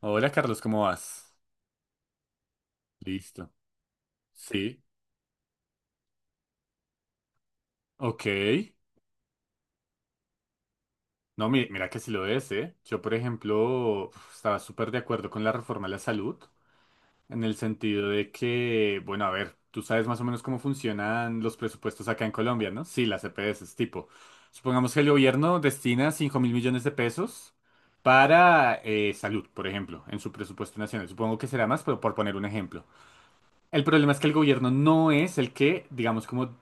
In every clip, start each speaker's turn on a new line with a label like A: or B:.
A: Hola Carlos, ¿cómo vas? Listo. Sí, ok. No, mira que sí lo es, ¿eh? Yo, por ejemplo, uf, estaba súper de acuerdo con la reforma a la salud, en el sentido de que, bueno, a ver, tú sabes más o menos cómo funcionan los presupuestos acá en Colombia, ¿no? Sí, las EPS, es tipo, supongamos que el gobierno destina 5.000 millones de pesos para salud, por ejemplo, en su presupuesto nacional. Supongo que será más, pero por poner un ejemplo. El problema es que el gobierno no es el que, digamos, como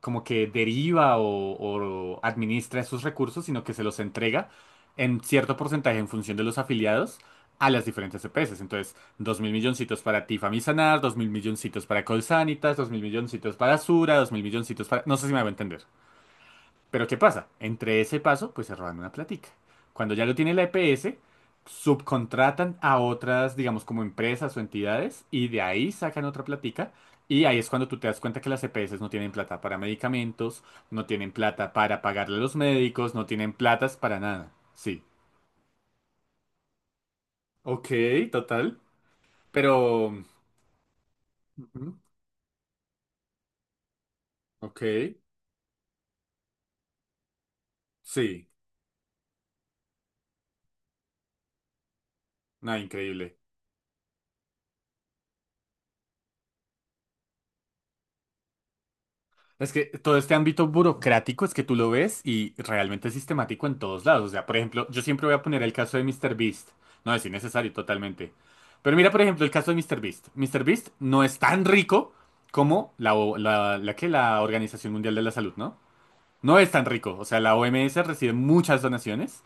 A: como que deriva o administra esos recursos, sino que se los entrega en cierto porcentaje en función de los afiliados a las diferentes EPS. Entonces, dos mil milloncitos para ti, Famisanar, dos mil milloncitos para Colsanitas, dos mil milloncitos para Sura, dos mil milloncitos para. No sé si me va a entender. Pero ¿qué pasa? Entre ese paso, pues se roban una platica. Cuando ya lo tiene la EPS, subcontratan a otras, digamos, como empresas o entidades, y de ahí sacan otra platica. Y ahí es cuando tú te das cuenta que las EPS no tienen plata para medicamentos, no tienen plata para pagarle a los médicos, no tienen platas para nada. Sí. Ok, total. Pero. Ujú, ok, sí. Nada, increíble. Es que todo este ámbito burocrático es que tú lo ves y realmente es sistemático en todos lados. O sea, por ejemplo, yo siempre voy a poner el caso de míster Beast. No es innecesario totalmente. Pero mira, por ejemplo, el caso de míster Beast. MrBeast. Beast no es tan rico como la, O- la, la que la Organización Mundial de la Salud, ¿no? No es tan rico. O sea, la OMS recibe muchas donaciones,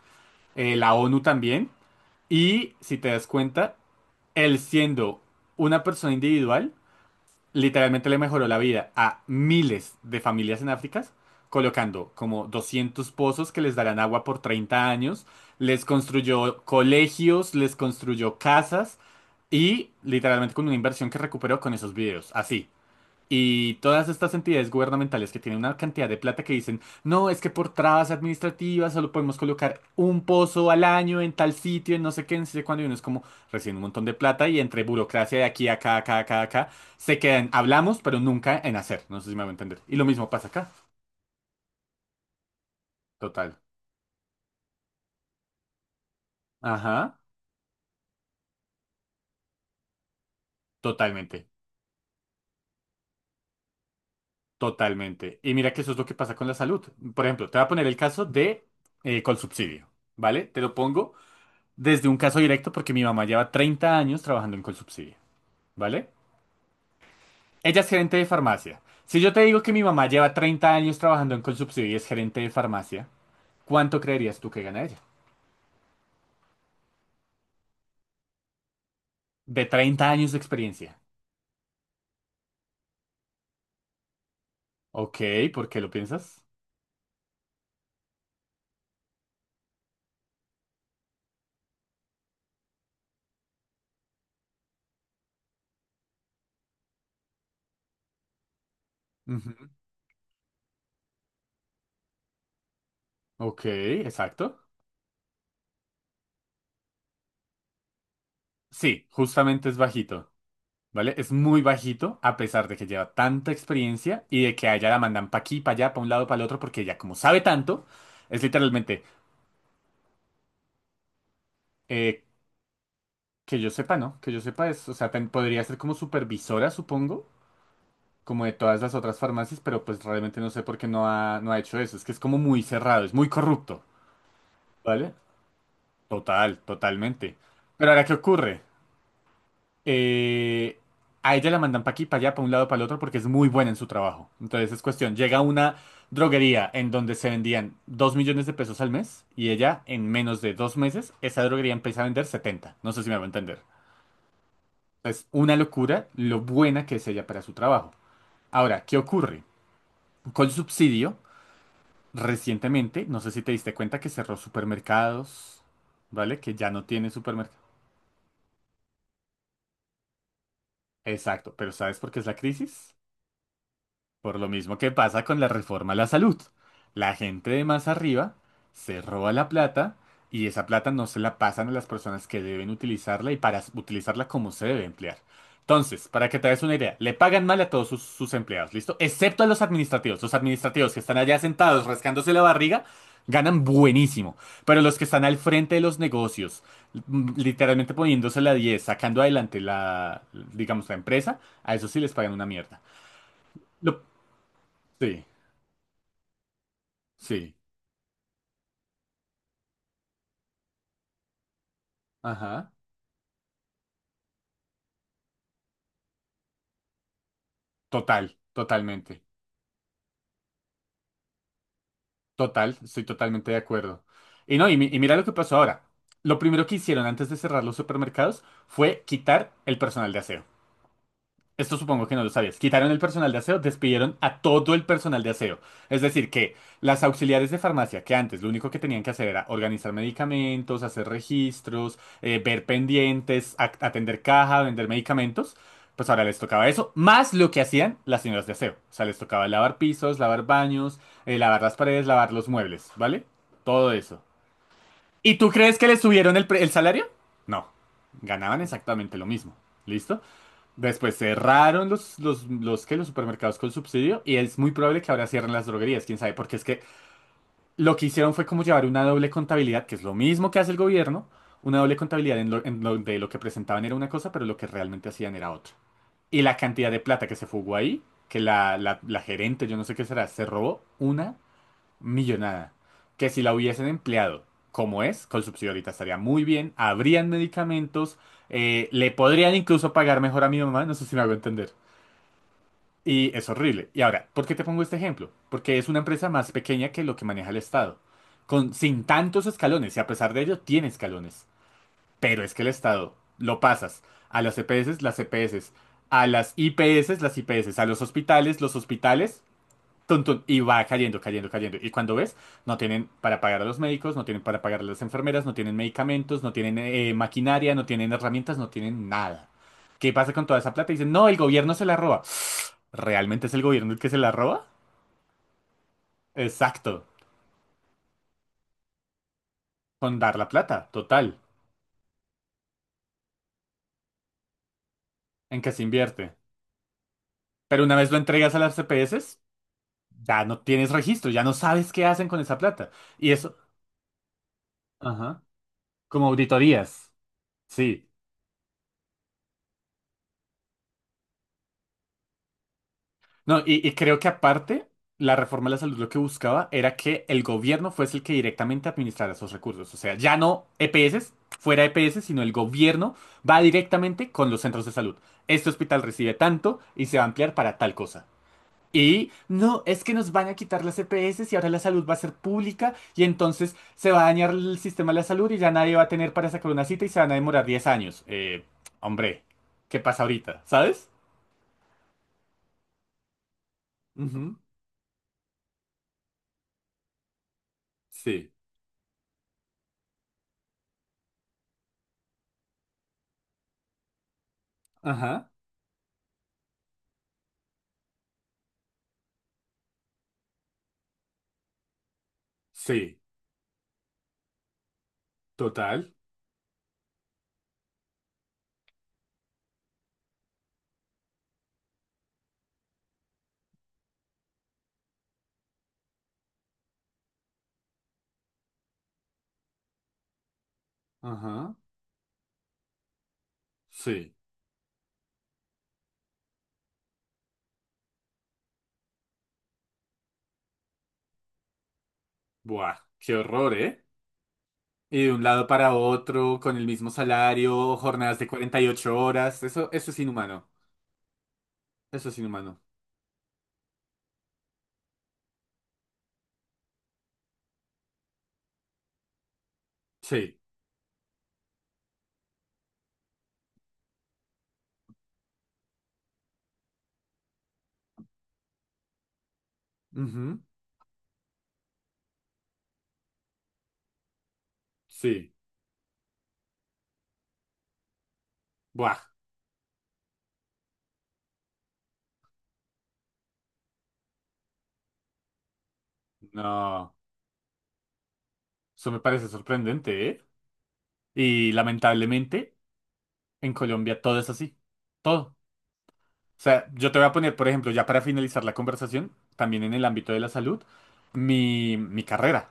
A: la ONU también. Y si te das cuenta, él siendo una persona individual literalmente le mejoró la vida a miles de familias en África, colocando como 200 pozos que les darán agua por 30 años, les construyó colegios, les construyó casas y literalmente con una inversión que recuperó con esos videos. Así, y todas estas entidades gubernamentales que tienen una cantidad de plata que dicen, no, es que por trabas administrativas solo podemos colocar un pozo al año en tal sitio, en no sé qué, en no sé cuándo, y uno es como recién un montón de plata y entre burocracia de aquí, acá, acá, acá, acá, se quedan, hablamos, pero nunca en hacer, no sé si me va a entender. Y lo mismo pasa acá, total. Ajá, totalmente, totalmente. Y mira que eso es lo que pasa con la salud. Por ejemplo, te voy a poner el caso de Colsubsidio, ¿vale? Te lo pongo desde un caso directo porque mi mamá lleva 30 años trabajando en Colsubsidio, ¿vale? Ella es gerente de farmacia. Si yo te digo que mi mamá lleva 30 años trabajando en Colsubsidio y es gerente de farmacia, ¿cuánto creerías tú que gana ella? De 30 años de experiencia. Ok, ¿por qué lo piensas? Ujú. Ok, exacto. Sí, justamente es bajito, ¿vale? Es muy bajito a pesar de que lleva tanta experiencia y de que a ella la mandan pa' aquí, pa' allá, pa' un lado, pa' el otro, porque ella como sabe tanto, es literalmente. eh, Que yo sepa, ¿no? Que yo sepa es, o sea, podría ser como supervisora, supongo, como de todas las otras farmacias, pero pues realmente no sé por qué no ha hecho eso. Es que es como muy cerrado, es muy corrupto, ¿vale? Total, totalmente. Pero ahora, ¿qué ocurre? Eh, a ella la mandan para aquí, para allá, para un lado, para el otro, porque es muy buena en su trabajo. Entonces es cuestión, llega a una droguería en donde se vendían 2 millones de pesos al mes y ella en menos de 2 meses, esa droguería empieza a vender setenta. No sé si me va a entender. Es una locura lo buena que es ella para su trabajo. Ahora, ¿qué ocurre? Con subsidio, recientemente, no sé si te diste cuenta que cerró supermercados, ¿vale? Que ya no tiene supermercado. Exacto, pero ¿sabes por qué es la crisis? Por lo mismo que pasa con la reforma a la salud. La gente de más arriba se roba la plata y esa plata no se la pasan a las personas que deben utilizarla y para utilizarla como se debe emplear. Entonces, para que te des una idea, le pagan mal a todos sus empleados, ¿listo? Excepto a los administrativos. Los administrativos que están allá sentados rascándose la barriga ganan buenísimo. Pero los que están al frente de los negocios, literalmente poniéndose la 10, sacando adelante la, digamos, la empresa, a eso sí les pagan una mierda. Lo, sí. Sí, ajá. Total, totalmente. Total, estoy totalmente de acuerdo. Y no, y mira lo que pasó ahora. Lo primero que hicieron antes de cerrar los supermercados fue quitar el personal de aseo. Esto supongo que no lo sabías. Quitaron el personal de aseo, despidieron a todo el personal de aseo. Es decir, que las auxiliares de farmacia, que antes lo único que tenían que hacer era organizar medicamentos, hacer registros, ver pendientes, atender caja, vender medicamentos, pues ahora les tocaba eso, más lo que hacían las señoras de aseo. O sea, les tocaba lavar pisos, lavar baños, lavar las paredes, lavar los muebles, ¿vale? Todo eso. ¿Y tú crees que les subieron el salario? No, ganaban exactamente lo mismo. ¿Listo? Después cerraron los, ¿qué? Los supermercados con subsidio y es muy probable que ahora cierren las droguerías, quién sabe, porque es que lo que hicieron fue como llevar una doble contabilidad, que es lo mismo que hace el gobierno, una doble contabilidad de lo que presentaban era una cosa, pero lo que realmente hacían era otra. Y la cantidad de plata que se fugó ahí, que la gerente, yo no sé qué será, se robó una millonada, que si la hubiesen empleado como es, con subsidio ahorita estaría muy bien, habrían medicamentos, le podrían incluso pagar mejor a mi mamá, no sé si me hago entender. Y es horrible. Y ahora, ¿por qué te pongo este ejemplo? Porque es una empresa más pequeña que lo que maneja el Estado, sin tantos escalones, y a pesar de ello tiene escalones. Pero es que el Estado lo pasas a las EPS, a las IPS, a los hospitales, tun, tun, y va cayendo, cayendo, cayendo. Y cuando ves, no tienen para pagar a los médicos, no tienen para pagar a las enfermeras, no tienen medicamentos, no tienen maquinaria, no tienen herramientas, no tienen nada. ¿Qué pasa con toda esa plata? Dicen, no, el gobierno se la roba. ¿Realmente es el gobierno el que se la roba? Exacto, con dar la plata, total, en qué se invierte. Pero una vez lo entregas a las CPS, ya no tienes registro, ya no sabes qué hacen con esa plata. Y eso, ajá, como auditorías. Sí, no, y creo que aparte, la reforma de la salud lo que buscaba era que el gobierno fuese el que directamente administrara esos recursos. O sea, ya no EPS, fuera EPS, sino el gobierno va directamente con los centros de salud. Este hospital recibe tanto y se va a ampliar para tal cosa. Y no, es que nos van a quitar las EPS y ahora la salud va a ser pública y entonces se va a dañar el sistema de la salud y ya nadie va a tener para sacar una cita y se van a demorar 10 años. Hombre, ¿qué pasa ahorita? ¿Sabes? Ujú, sí. Ajá. Sí, total. Ajá, sí. Buah, qué horror, ¿eh? Y de un lado para otro, con el mismo salario, jornadas de 48 horas. Eso, eso es inhumano. Eso es inhumano. Sí. Ujú, sí. Buah, no. Eso me parece sorprendente, ¿eh? Y lamentablemente, en Colombia todo es así. Todo. O sea, yo te voy a poner, por ejemplo, ya para finalizar la conversación, también en el ámbito de la salud, mi carrera.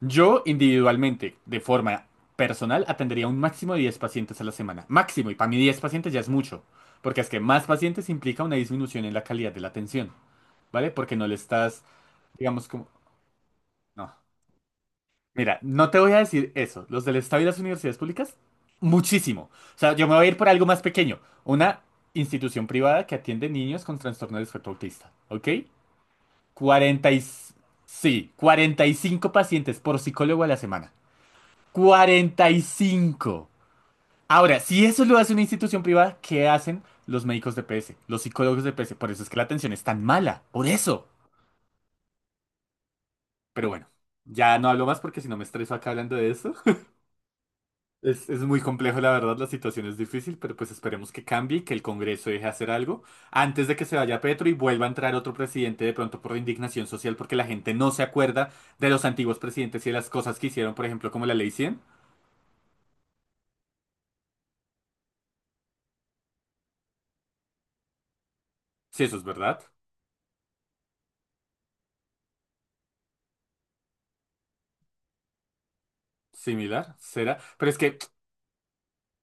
A: Yo individualmente, de forma personal, atendería un máximo de 10 pacientes a la semana. Máximo, y para mí 10 pacientes ya es mucho, porque es que más pacientes implica una disminución en la calidad de la atención, ¿vale? Porque no le estás, digamos, como. No. Mira, no te voy a decir eso. Los del Estado y las universidades públicas, muchísimo. O sea, yo me voy a ir por algo más pequeño. Una institución privada que atiende niños con trastorno de espectro autista, ¿ok? 40 y... Sí, 45 pacientes por psicólogo a la semana. 45. Ahora, si eso lo hace una institución privada, ¿qué hacen los médicos de PS, los psicólogos de PS? Por eso es que la atención es tan mala, por eso. Pero bueno, ya no hablo más porque si no me estreso acá hablando de eso. Es muy complejo, la verdad, la situación es difícil, pero pues esperemos que cambie y que el Congreso deje hacer algo antes de que se vaya Petro y vuelva a entrar otro presidente de pronto por indignación social porque la gente no se acuerda de los antiguos presidentes y de las cosas que hicieron, por ejemplo, como la Ley 100. Si eso es verdad, similar, será. Pero es que,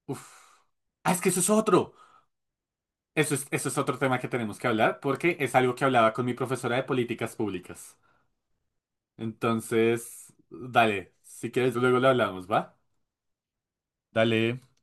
A: uff. Ah, es que eso es otro. Eso es otro tema que tenemos que hablar porque es algo que hablaba con mi profesora de políticas públicas. Entonces, dale, si quieres luego lo hablamos, ¿va? Dale.